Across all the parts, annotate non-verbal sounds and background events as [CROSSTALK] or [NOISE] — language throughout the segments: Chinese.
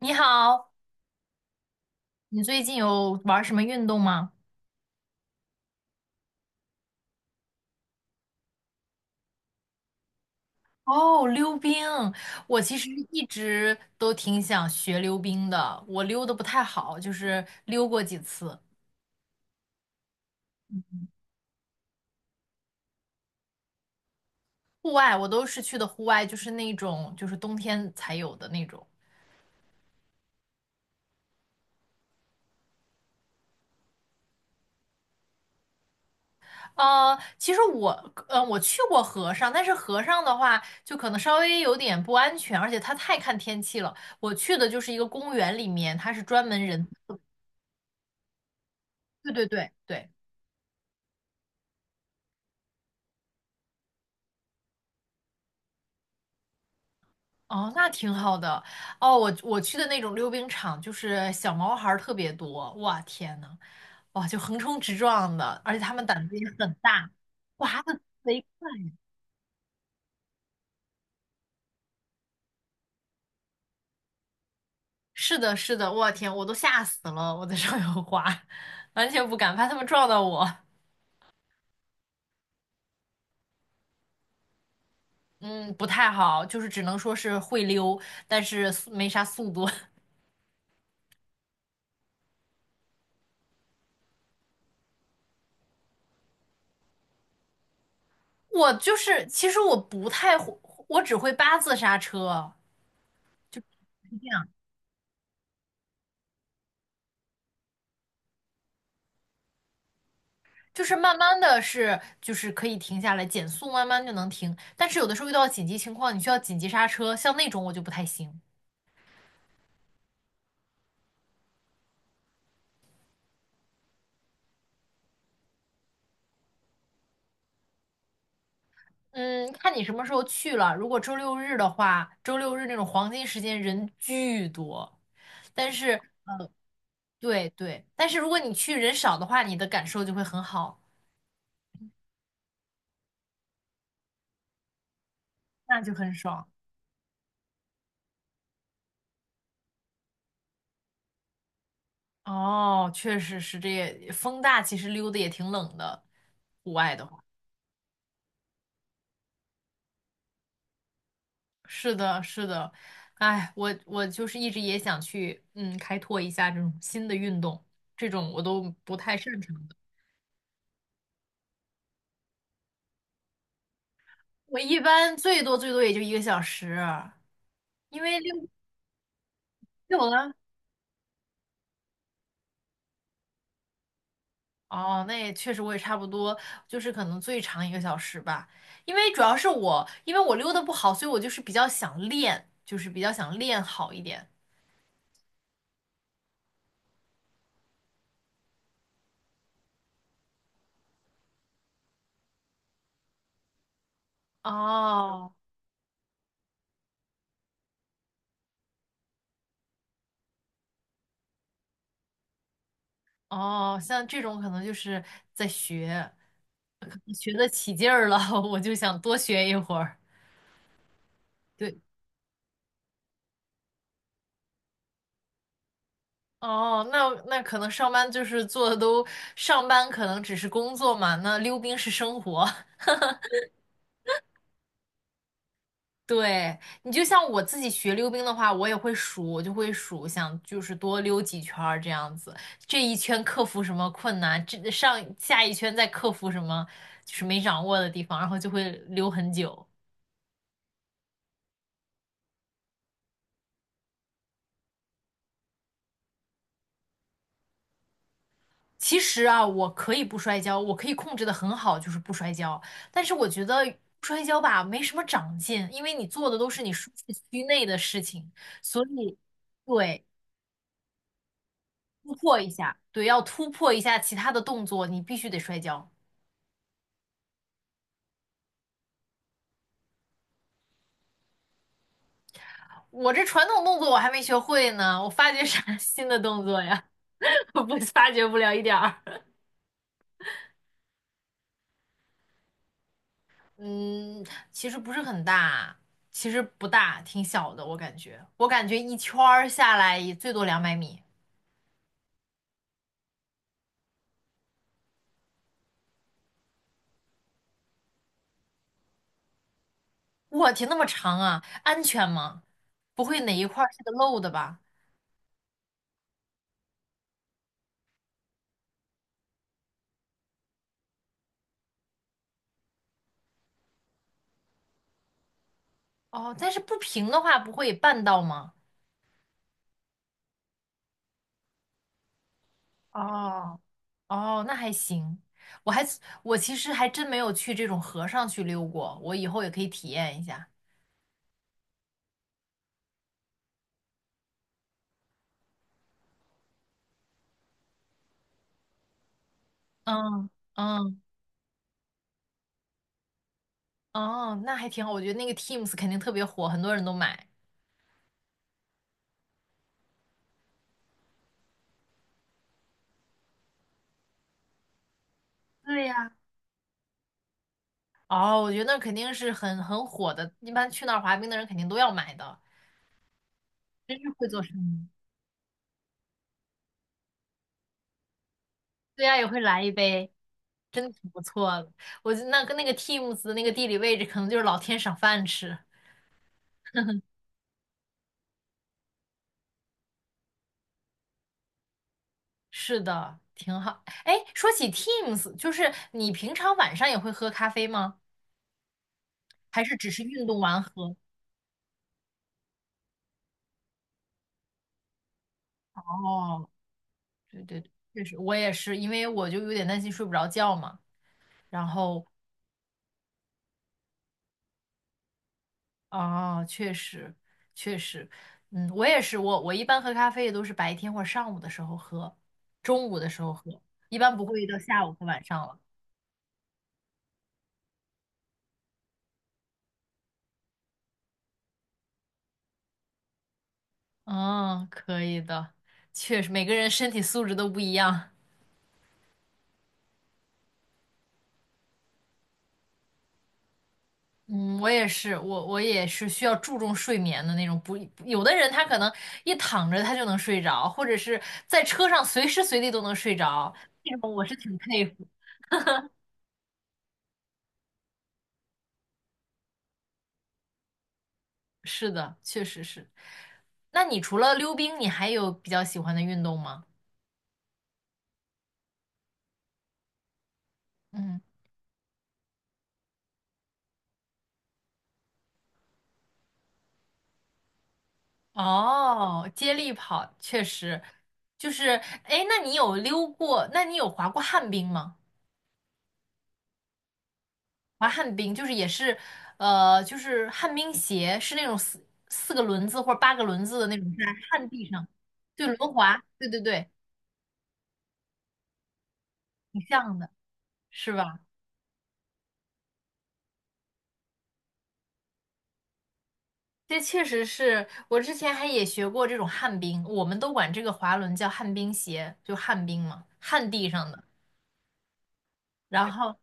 你好，你最近有玩什么运动吗？哦，溜冰，我其实一直都挺想学溜冰的，我溜的不太好，就是溜过几次。户外我都是去的户外，就是那种就是冬天才有的那种。其实我我去过河上，但是河上的话就可能稍微有点不安全，而且它太看天气了。我去的就是一个公园里面，它是专门人，对对对对。哦，那挺好的。哦，我去的那种溜冰场，就是小毛孩儿特别多，哇天呐，哇就横冲直撞的，而且他们胆子也很大，哇滑的贼快。是的，是的，我天，我都吓死了，我在上面滑，[LAUGHS] 完全不敢，怕他们撞到我。嗯，不太好，就是只能说是会溜，但是速没啥速度。[LAUGHS] 我就是，其实我不太会，我只会八字刹车，是这样。就是慢慢的是，就是可以停下来，减速慢慢就能停。但是有的时候遇到紧急情况，你需要紧急刹车，像那种我就不太行。嗯，看你什么时候去了。如果周六日的话，周六日那种黄金时间人巨多，但是对对，但是如果你去人少的话，你的感受就会很好，那就很爽。哦，确实是这也，风大其实溜的也挺冷的，户外的话。是的，是的，哎，我就是一直也想去，嗯，开拓一下这种新的运动，这种我都不太擅长的。我一般最多最多也就一个小时啊，因为遛了。哦，那也确实，我也差不多，就是可能最长一个小时吧。因为主要是我，因为我溜的不好，所以我就是比较想练，就是比较想练好一点。哦哦，像这种可能就是在学。学得起劲儿了，[LAUGHS] 我就想多学一会儿。对，哦，那那可能上班就是做的都，上班可能只是工作嘛，那溜冰是生活。[LAUGHS] 对，你就像我自己学溜冰的话，我也会数，我就会数，想就是多溜几圈儿这样子，这一圈克服什么困难，这上下一圈再克服什么就是没掌握的地方，然后就会溜很久。其实啊，我可以不摔跤，我可以控制的很好，就是不摔跤。但是我觉得不摔跤吧，没什么长进，因为你做的都是你舒适区内的事情，所以对，突破一下，对，要突破一下其他的动作，你必须得摔跤。我这传统动作我还没学会呢，我发掘啥 [LAUGHS] 新的动作呀？[LAUGHS] 我不发掘不了一点儿。嗯，其实不是很大，其实不大，挺小的，我感觉，我感觉一圈儿下来也最多200米。我天，那么长啊，安全吗？不会哪一块儿是个漏的吧？哦，但是不平的话不会绊到吗？哦哦，那还行。我还我其实还真没有去这种河上去溜过，我以后也可以体验一下。嗯嗯哦，那还挺好。我觉得那个 Teams 肯定特别火，很多人都买。对呀，哦，我觉得那肯定是很火的，一般去那儿滑冰的人肯定都要买的，真是会做生意。对呀，也会来一杯。真的挺不错的。我就那跟那个 Teams 的那个地理位置，可能就是老天赏饭吃。是的，挺好。哎，说起 Teams，就是你平常晚上也会喝咖啡吗？还是只是运动完喝？哦，对对对，确实，我也是，因为我就有点担心睡不着觉嘛。然后，哦，确实，确实，嗯，我也是，我一般喝咖啡也都是白天或者上午的时候喝，中午的时候喝，一般不会到下午和晚上了。哦，可以的，确实每个人身体素质都不一样。嗯，我也是，我也是需要注重睡眠的那种不。有的人他可能一躺着他就能睡着，或者是在车上随时随地都能睡着，这种我是挺佩服。是的，确实是。那你除了溜冰，你还有比较喜欢的运动吗？嗯，哦，接力跑确实就是，哎，那你有溜过？那你有滑过旱冰吗？滑旱冰就是也是，就是旱冰鞋是那种四个轮子或者八个轮子的那种，在旱地上，对，轮滑，对对对，挺像的，是吧？这确实是我之前还也学过这种旱冰，我们都管这个滑轮叫旱冰鞋，就旱冰嘛，旱地上的。然后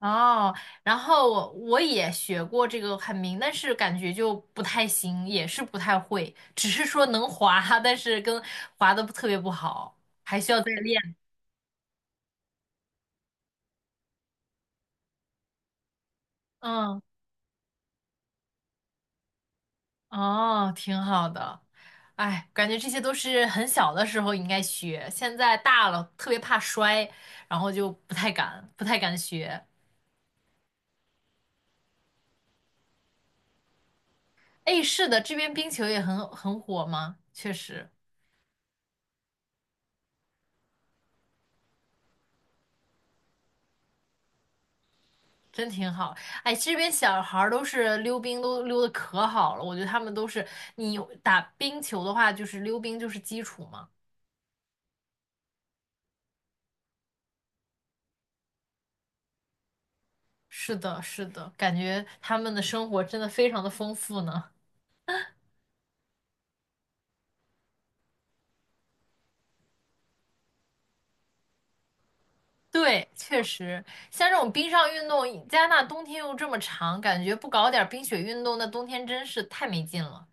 哦，然后我也学过这个旱冰，但是感觉就不太行，也是不太会，只是说能滑，但是跟滑的特别不好。要练。嗯，哦，挺好的。哎，感觉这些都是很小的时候应该学，现在大了特别怕摔，然后就不太敢，不太敢学。哎，是的，这边冰球也很火吗？确实，真挺好。哎，这边小孩儿都是溜冰都溜的可好了，我觉得他们都是，你打冰球的话，就是溜冰就是基础嘛。是的，是的，感觉他们的生活真的非常的丰富呢。对，确实，像这种冰上运动，加拿大冬天又这么长，感觉不搞点儿冰雪运动，那冬天真是太没劲了。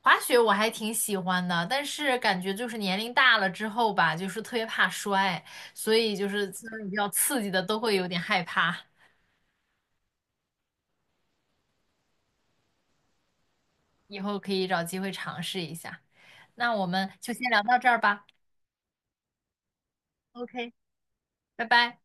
滑雪我还挺喜欢的，但是感觉就是年龄大了之后吧，就是特别怕摔，所以就是这种比较刺激的都会有点害怕。以后可以找机会尝试一下。那我们就先聊到这儿吧。OK，拜拜。